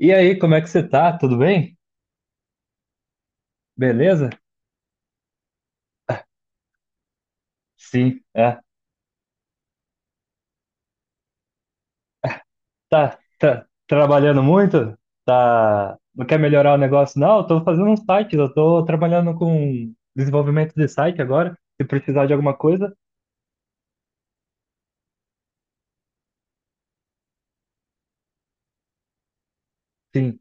E aí, como é que você tá? Tudo bem? Beleza? Sim, é. Tá, tá trabalhando muito? Tá. Não quer melhorar o negócio? Não, eu tô fazendo um site, eu tô trabalhando com desenvolvimento de site agora. Se precisar de alguma coisa, sim.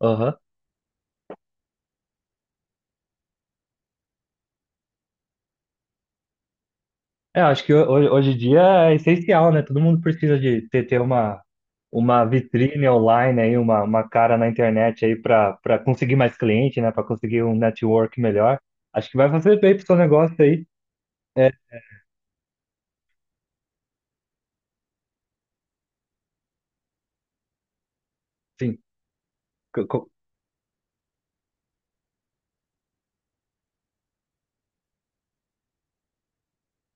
Aham. É, acho que hoje, hoje em dia é essencial, né? Todo mundo precisa de ter uma vitrine online aí, uma cara na internet aí para conseguir mais cliente, né? Para conseguir um network melhor. Acho que vai fazer bem pro seu negócio aí. É, sim,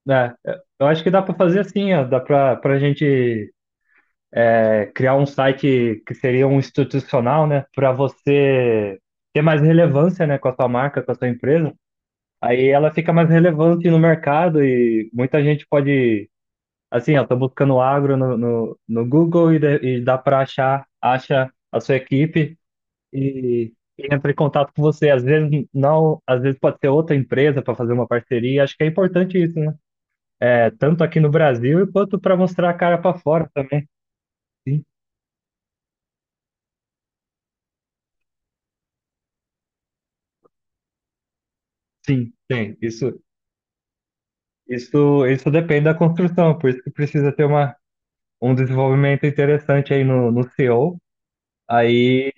né? Eu acho que dá para fazer assim, ó, dá para a gente criar um site que seria um institucional, né? Para você ter mais relevância, né, com a sua marca, com a sua empresa. Aí ela fica mais relevante no mercado e muita gente pode, assim, ó, tô buscando agro no Google e, dá para achar, acha a sua equipe e, e entra em contato com você. Às vezes não, às vezes pode ser outra empresa para fazer uma parceria. Acho que é importante isso, né? É, tanto aqui no Brasil quanto para mostrar a cara para fora também. Sim, sim, tem. Isso, isso depende da construção, por isso que precisa ter uma, um desenvolvimento interessante aí no CEO. Aí,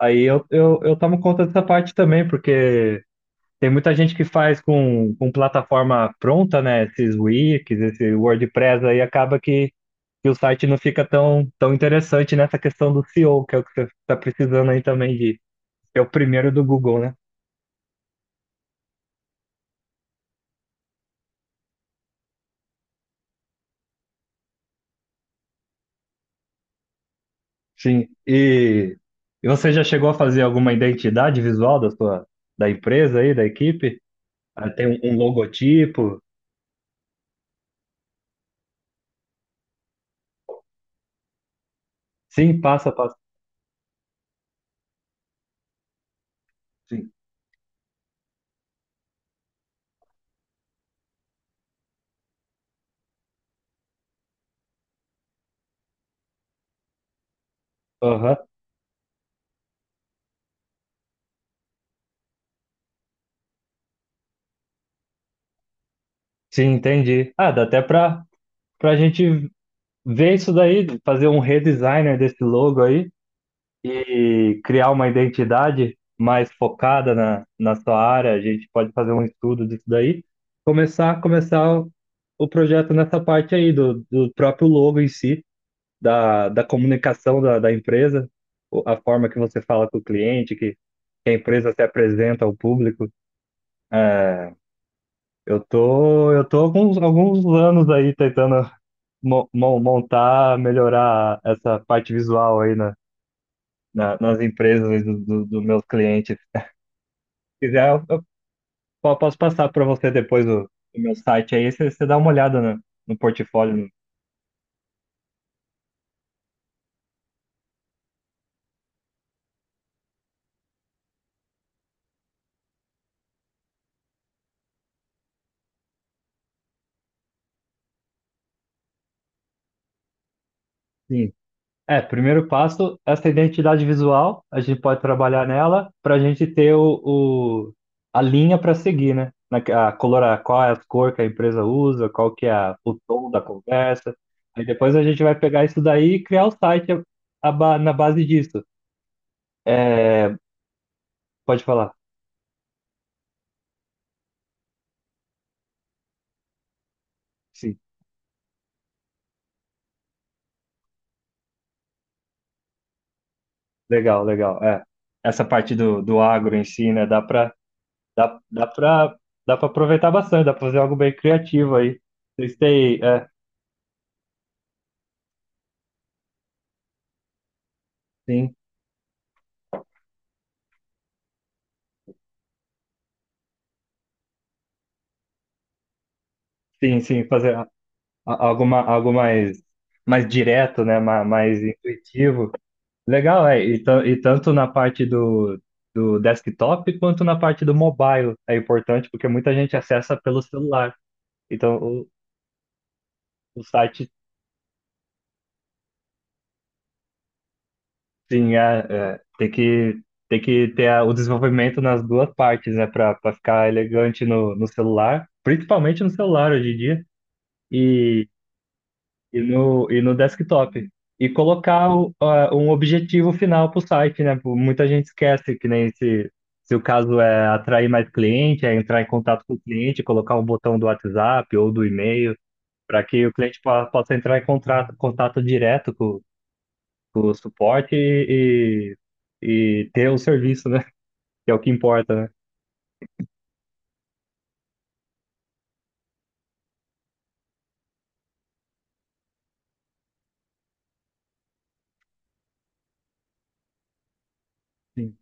aí eu tomo conta dessa parte também, porque tem muita gente que faz com plataforma pronta, né? Esses Wix, esse WordPress aí, acaba que o site não fica tão interessante nessa questão do CEO, que é o que você está precisando aí também de ser o primeiro do Google, né? Sim. E você já chegou a fazer alguma identidade visual da sua da empresa aí, da equipe? Ah, tem um, um logotipo? Sim, passa, passa. Sim. Aham. Sim, entendi. Ah, dá até para para gente ver isso daí, fazer um redesigner desse logo aí e criar uma identidade mais focada na, na sua área. A gente pode fazer um estudo disso daí, começar o projeto nessa parte aí do, do próprio logo em si da, da comunicação da, da empresa, a forma que você fala com o cliente, que a empresa se apresenta ao público. É, eu tô alguns, alguns anos aí tentando montar, melhorar essa parte visual aí na, nas empresas aí do, do, dos meus clientes. Se quiser, eu posso passar para você depois o meu site aí, você dá uma olhada no, no portfólio. Sim, é, primeiro passo, essa identidade visual, a gente pode trabalhar nela para a gente ter a linha para seguir, né? Na, a color, qual é a cor que a empresa usa, qual que é o tom da conversa. Aí depois a gente vai pegar isso daí e criar o site na base disso. É, pode falar. Sim, legal, legal. É. Essa parte do, do agro em si, né? Dá, dá para dá para aproveitar bastante, dá para fazer algo bem criativo aí. Vocês têm, é, sim. Sim, sim, fazer algo, algo mais, mais direto, né? Mais, intuitivo. Legal, é. E, tanto na parte do, do desktop quanto na parte do mobile é importante, porque muita gente acessa pelo celular. Então, o site, sim, é, é, tem que ter o desenvolvimento nas duas partes, né? Para ficar elegante no, no celular, principalmente no celular hoje em dia. E no desktop. E colocar um objetivo final para o site, né? Pô, muita gente esquece que nem se o caso é atrair mais cliente, é entrar em contato com o cliente, colocar um botão do WhatsApp ou do e-mail, para que o cliente possa entrar em contato, contato direto com o suporte e ter o serviço, né? Que é o que importa, né? Sim.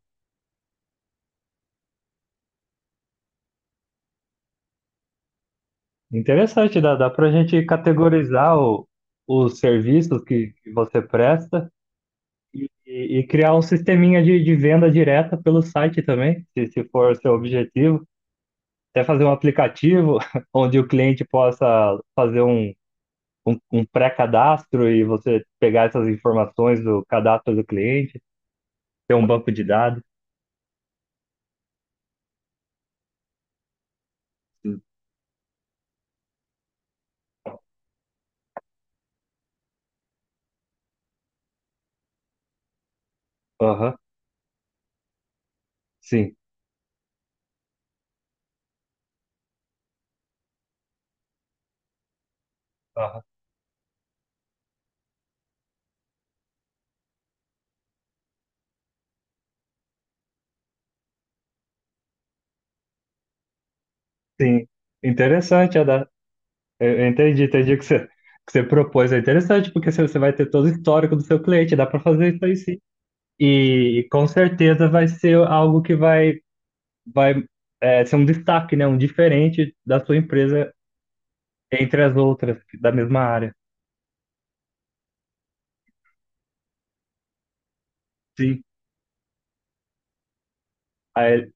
Interessante, dá para a gente categorizar o, os serviços que você presta e, criar um sisteminha de venda direta pelo site também, se for o seu objetivo. Até fazer um aplicativo onde o cliente possa fazer um pré-cadastro e você pegar essas informações do cadastro do cliente, ter um banco de dados. Aham, sim. Aham, sim. Interessante, Adá. Eu entendi, entendi o que você propôs. É interessante, porque você vai ter todo o histórico do seu cliente, dá para fazer isso aí sim. E com certeza vai ser algo que vai é, ser um destaque, né? Um diferente da sua empresa entre as outras da mesma área. Sim, aí,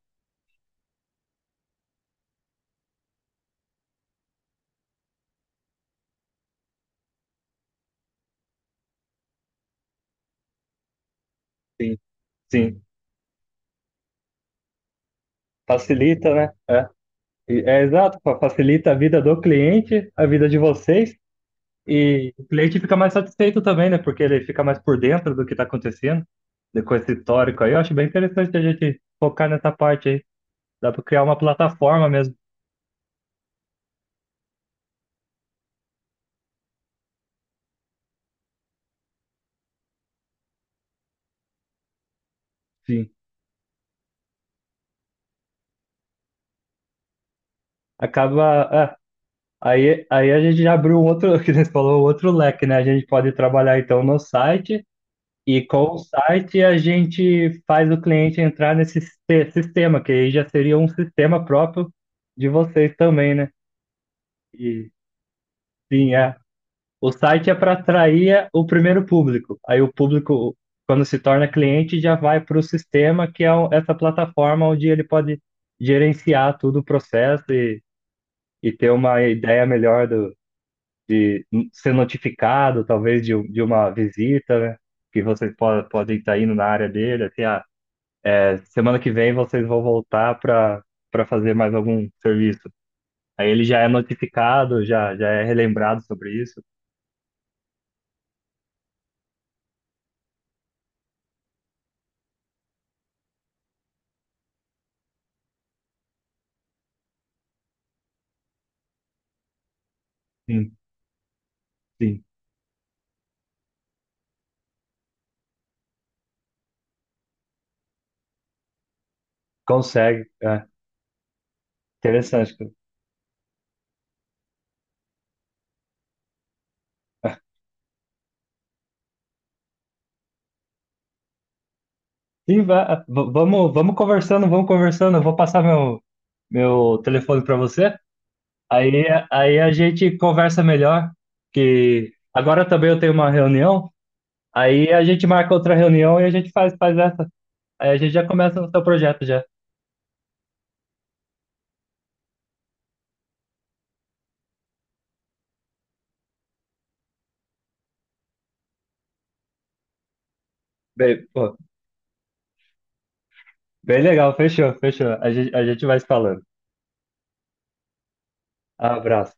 sim, sim. Facilita, né? É, é exato, facilita a vida do cliente, a vida de vocês, e o cliente fica mais satisfeito também, né? Porque ele fica mais por dentro do que está acontecendo, com esse histórico aí. Eu acho bem interessante a gente focar nessa parte aí. Dá para criar uma plataforma mesmo. Sim. Acaba, é, aí, a gente já abriu um outro, que você falou, um outro leque, né? A gente pode trabalhar então no site e com o site a gente faz o cliente entrar nesse sistema, que aí já seria um sistema próprio de vocês também, né? E sim, é. O site é para atrair o primeiro público. Aí o público, quando se torna cliente, já vai para o sistema, que é essa plataforma onde ele pode gerenciar todo o processo e ter uma ideia melhor ser notificado, talvez, de uma visita, né? Que vocês podem estar indo na área dele, assim, ah, é, semana que vem vocês vão voltar para fazer mais algum serviço. Aí ele já é notificado, já, já é relembrado sobre isso. Sim, sim, consegue. É, interessante, cara. Sim, vamos, vamos conversando, vamos conversando. Eu vou passar meu, meu telefone para você. Aí a gente conversa melhor, que agora também eu tenho uma reunião. Aí a gente marca outra reunião e a gente faz, faz essa. Aí a gente já começa no seu projeto já. Bem, pô, bem legal, fechou, fechou. A gente vai se falando. Abraço.